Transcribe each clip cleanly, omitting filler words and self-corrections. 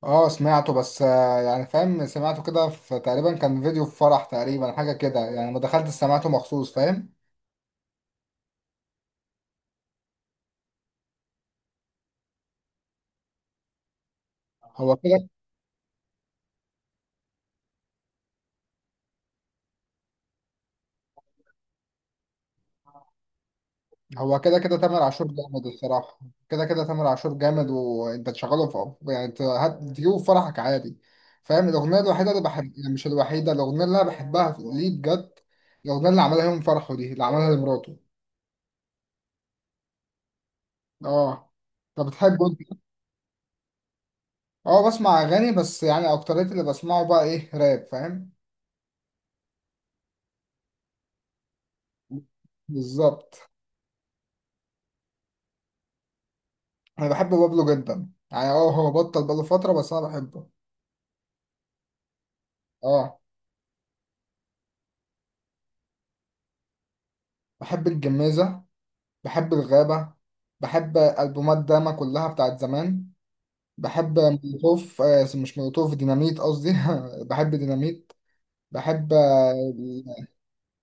اه سمعته بس يعني فاهم سمعته كده في تقريبا كان فيديو في فرح تقريبا حاجة كده يعني ما دخلت سمعته مخصوص فاهم. هو كده. هو كده كده تامر عاشور جامد الصراحة. كده كده تامر عاشور جامد وانت تشغله في يعني تجيبه في فرحك عادي فاهم. الأغنية الوحيدة اللي بحب يعني مش الوحيدة الأغنية اللي أنا بحبها ليه بجد. الأغنية اللي عملها يوم فرحه دي اللي عملها لمراته. اه. طب بتحبه انت؟ اه بسمع أغاني بس يعني أكتريت اللي بسمعه بقى إيه راب فاهم. بالظبط. انا بحب بابلو جدا يعني اه هو بطل بقاله فترة بس انا بحبه. اه. بحب الجميزة، بحب الغابة، بحب ألبومات داما كلها بتاعت زمان، بحب مولوتوف آه مش مولوتوف ديناميت قصدي. بحب ديناميت، بحب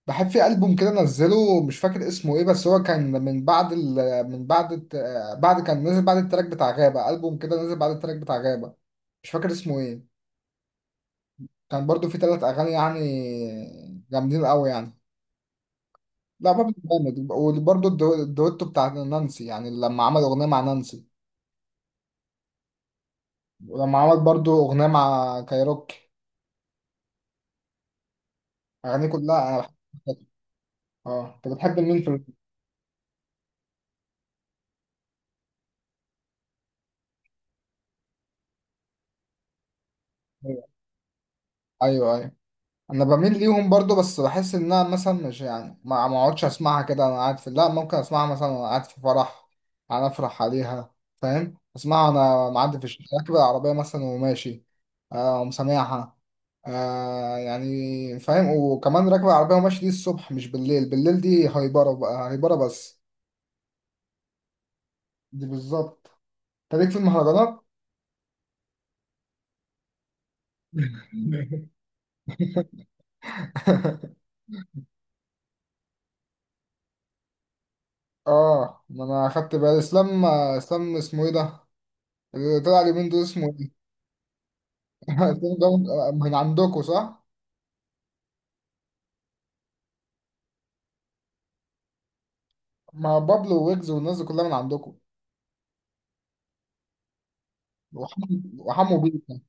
بحب في ألبوم كده نزله مش فاكر اسمه ايه بس هو كان من بعد ال... من بعد الت... آه، بعد كان نزل بعد التراك بتاع غابة، ألبوم كده نزل بعد التراك بتاع غابة. مش فاكر اسمه ايه. كان برضو في ثلاث أغاني يعني جامدين قوي يعني. لا بابلو جامد وبرضه الدويتو بتاع نانسي يعني لما عمل أغنية مع نانسي، ولما عمل برضه أغنية مع كايروكي. أغانيه كلها أنا بحب. اه أنت بتحب مين في الأغنية؟ أيوه، أيوه، انا بميل ليهم برضو بس بحس ان انا مثلا مش يعني ما اقعدش اسمعها كده انا قاعد في، لا ممكن اسمعها مثلا وانا قاعد في فرح، انا افرح عليها فاهم. اسمعها انا معدي في الشارع راكب العربيه مثلا وماشي، آه ومسامعها. آه يعني فاهم، وكمان راكب العربيه وماشي دي الصبح مش بالليل، بالليل دي هايبره بقى هايبره بس. دي بالظبط. انت ليك في المهرجانات. اه ما انا اخدت بالي اسلام اسمه ايه ده اللي طلع اليومين دول اسمه إيه؟ الفيلم ده من عندكم صح؟ ما بابلو ويجز والناس دي كلها من عندكم. وحمو، وحمو بيكا.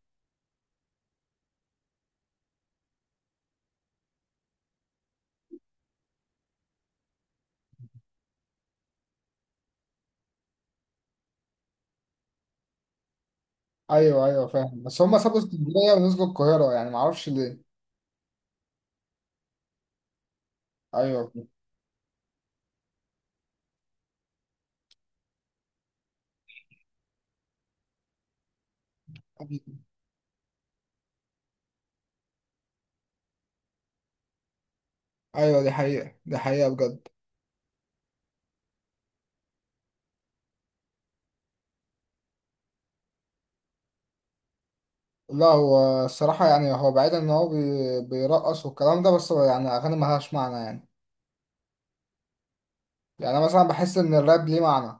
ايوه ايوه فاهم بس هم سابوا اسكندريه ونزلوا القاهره يعني ما اعرفش ليه. ايوه، ايوه دي حقيقه دي حقيقه بجد. لا هو الصراحه يعني هو بعيد ان هو بيرقص والكلام ده بس هو يعني اغاني ما لهاش معنى يعني. يعني انا مثلا بحس ان الراب ليه معنى،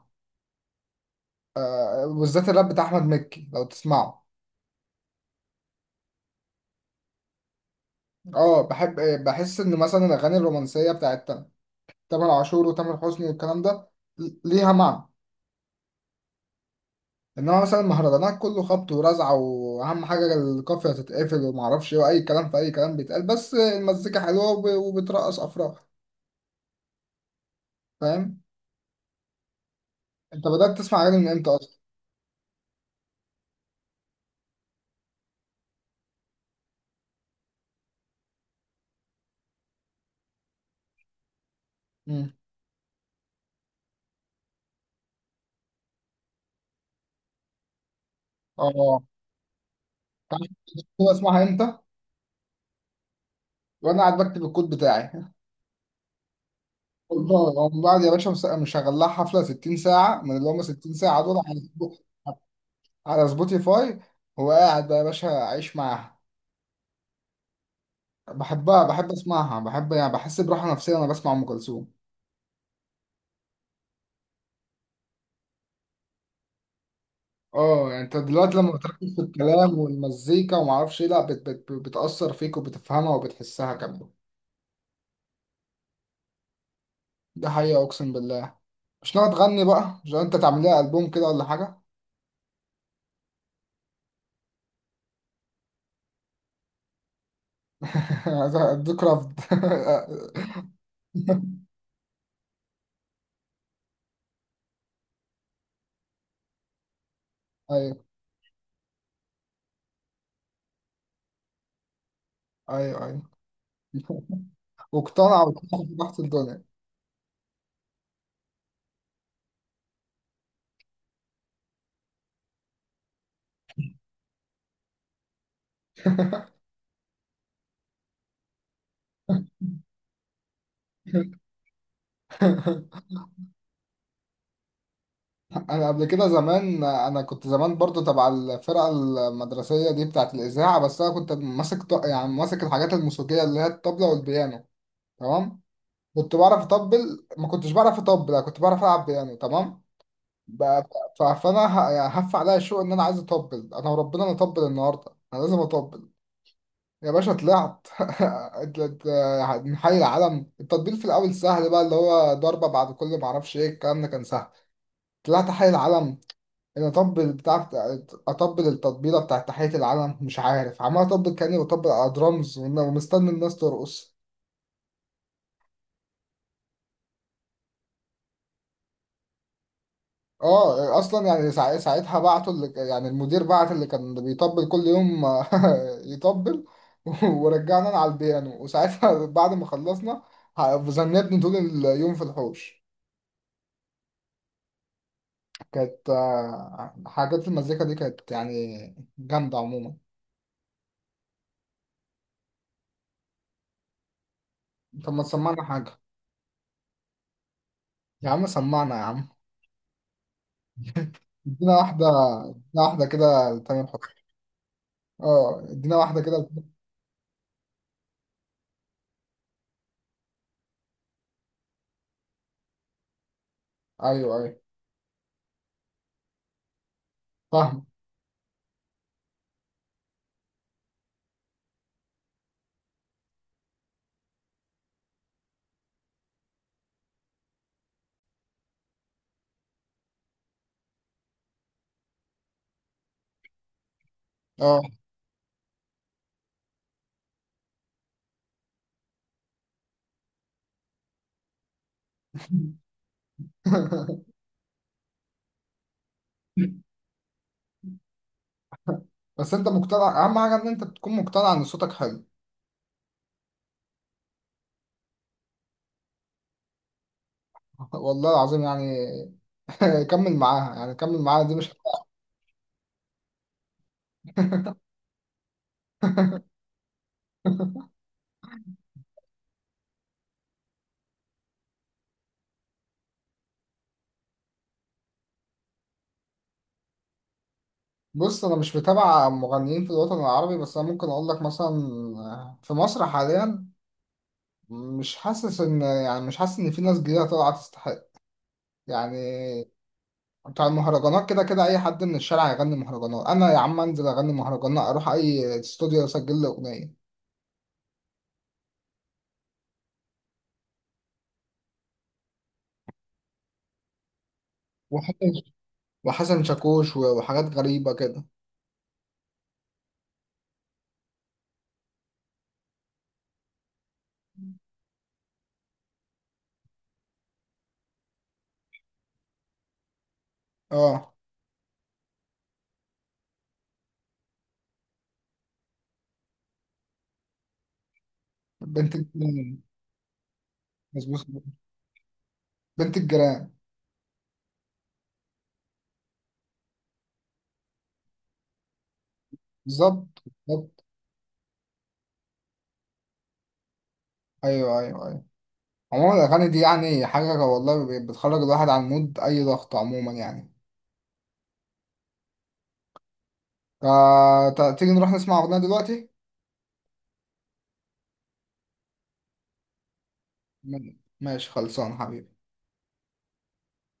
بالذات الراب بتاع احمد مكي لو تسمعه. اه بحب. بحس ان مثلا الاغاني الرومانسيه بتاعت تامر عاشور وتامر حسني والكلام ده ليها معنى. انما مثلا مهرجانات كله خبط ورزع واهم حاجه القافيه تتقفل وما اعرفش ايه واي كلام في اي كلام بيتقال بس المزيكا حلوه وبترقص افراح فاهم. انت بدات تسمع اغاني من امتى اصلا؟ امم. اه. تعرف كنت بسمعها امتى؟ وانا قاعد بكتب الكود بتاعي. والله من بعد يا باشا مشغل لها حفله 60 ساعه من اللي هم 60 ساعه دول على على سبوتيفاي، وقاعد بقى يا باشا عايش معاها، بحبها، بحب اسمعها، بحب يعني بحس براحه نفسيه وانا بسمع ام كلثوم. اه يعني انت دلوقتي لما بتركز في الكلام والمزيكا وما اعرفش ايه لا بت بتاثر فيك وبتفهمها وبتحسها كمان. ده حقيقه اقسم بالله. مش ناوي تغني بقى؟ مش انت تعمل لها البوم كده ولا حاجه؟ اديك رفض. ايوه، ايوه، ايوه. واقتنع، واقتنع بضغط الدنيا. انا قبل كده زمان انا كنت زمان برضو تبع الفرقه المدرسيه دي بتاعه الاذاعه بس انا كنت ماسك يعني ماسك الحاجات الموسيقيه اللي هي الطبله والبيانو تمام. كنت بعرف اطبل، ما كنتش بعرف اطبل، أنا كنت بعرف العب بيانو تمام. ب- فانا يعني هف عليا الشوق ان انا عايز اطبل، انا وربنا انا اطبل النهارده، انا لازم اطبل يا باشا. طلعت. ات- ات- يعني من حي العلم، التطبيل في الاول سهل بقى اللي هو ضربه بعد كل ما اعرفش ايه الكلام ده كان سهل. طلعت حي العلم، ان اطبل بتاع اطبل التطبيله بتاعت تحيه العلم، مش عارف عمال اطبل كاني بطبل على درامز ومستني الناس ترقص. اه اصلا يعني ساعتها بعتوا اللي يعني المدير بعت اللي كان بيطبل كل يوم. يطبل. ورجعنا أنا على البيانو وساعتها، بعد ما خلصنا ذنبني طول اليوم في الحوش. كانت حاجات المزيكا دي كانت يعني جامدة عموما. طب ما تسمعنا حاجة؟ يا عم سمعنا يا عم. ادينا واحدة، ادينا واحدة كده تمام. اه ادينا واحدة كده. ايوه، ايوه فاهم. اه. بس انت مقتنع، اهم حاجة ان انت تكون مقتنع ان صوتك حلو. والله العظيم يعني. كمل معاها يعني، كمل معاها دي مش بص انا مش متابع مغنيين في الوطن العربي بس انا ممكن اقول لك مثلا في مصر حاليا مش حاسس ان يعني مش حاسس ان في ناس جديدة طالعة تستحق يعني. بتاع المهرجانات كده كده اي حد من الشارع يغني مهرجانات، انا يا عم انزل اغني مهرجانات، اروح اي استوديو اسجل لي اغنية. وحسن شاكوش وحاجات غريبة كده. اه. بنت الجيران. مظبوط. بنت الجيران. بالظبط، بالظبط. ايوه، ايوه، ايوه. عموما الاغاني دي يعني حاجة والله بتخرج الواحد عن مود اي ضغط عموما يعني. فتيجي نروح نسمع اغنية دلوقتي؟ ماشي خلصان حبيبي.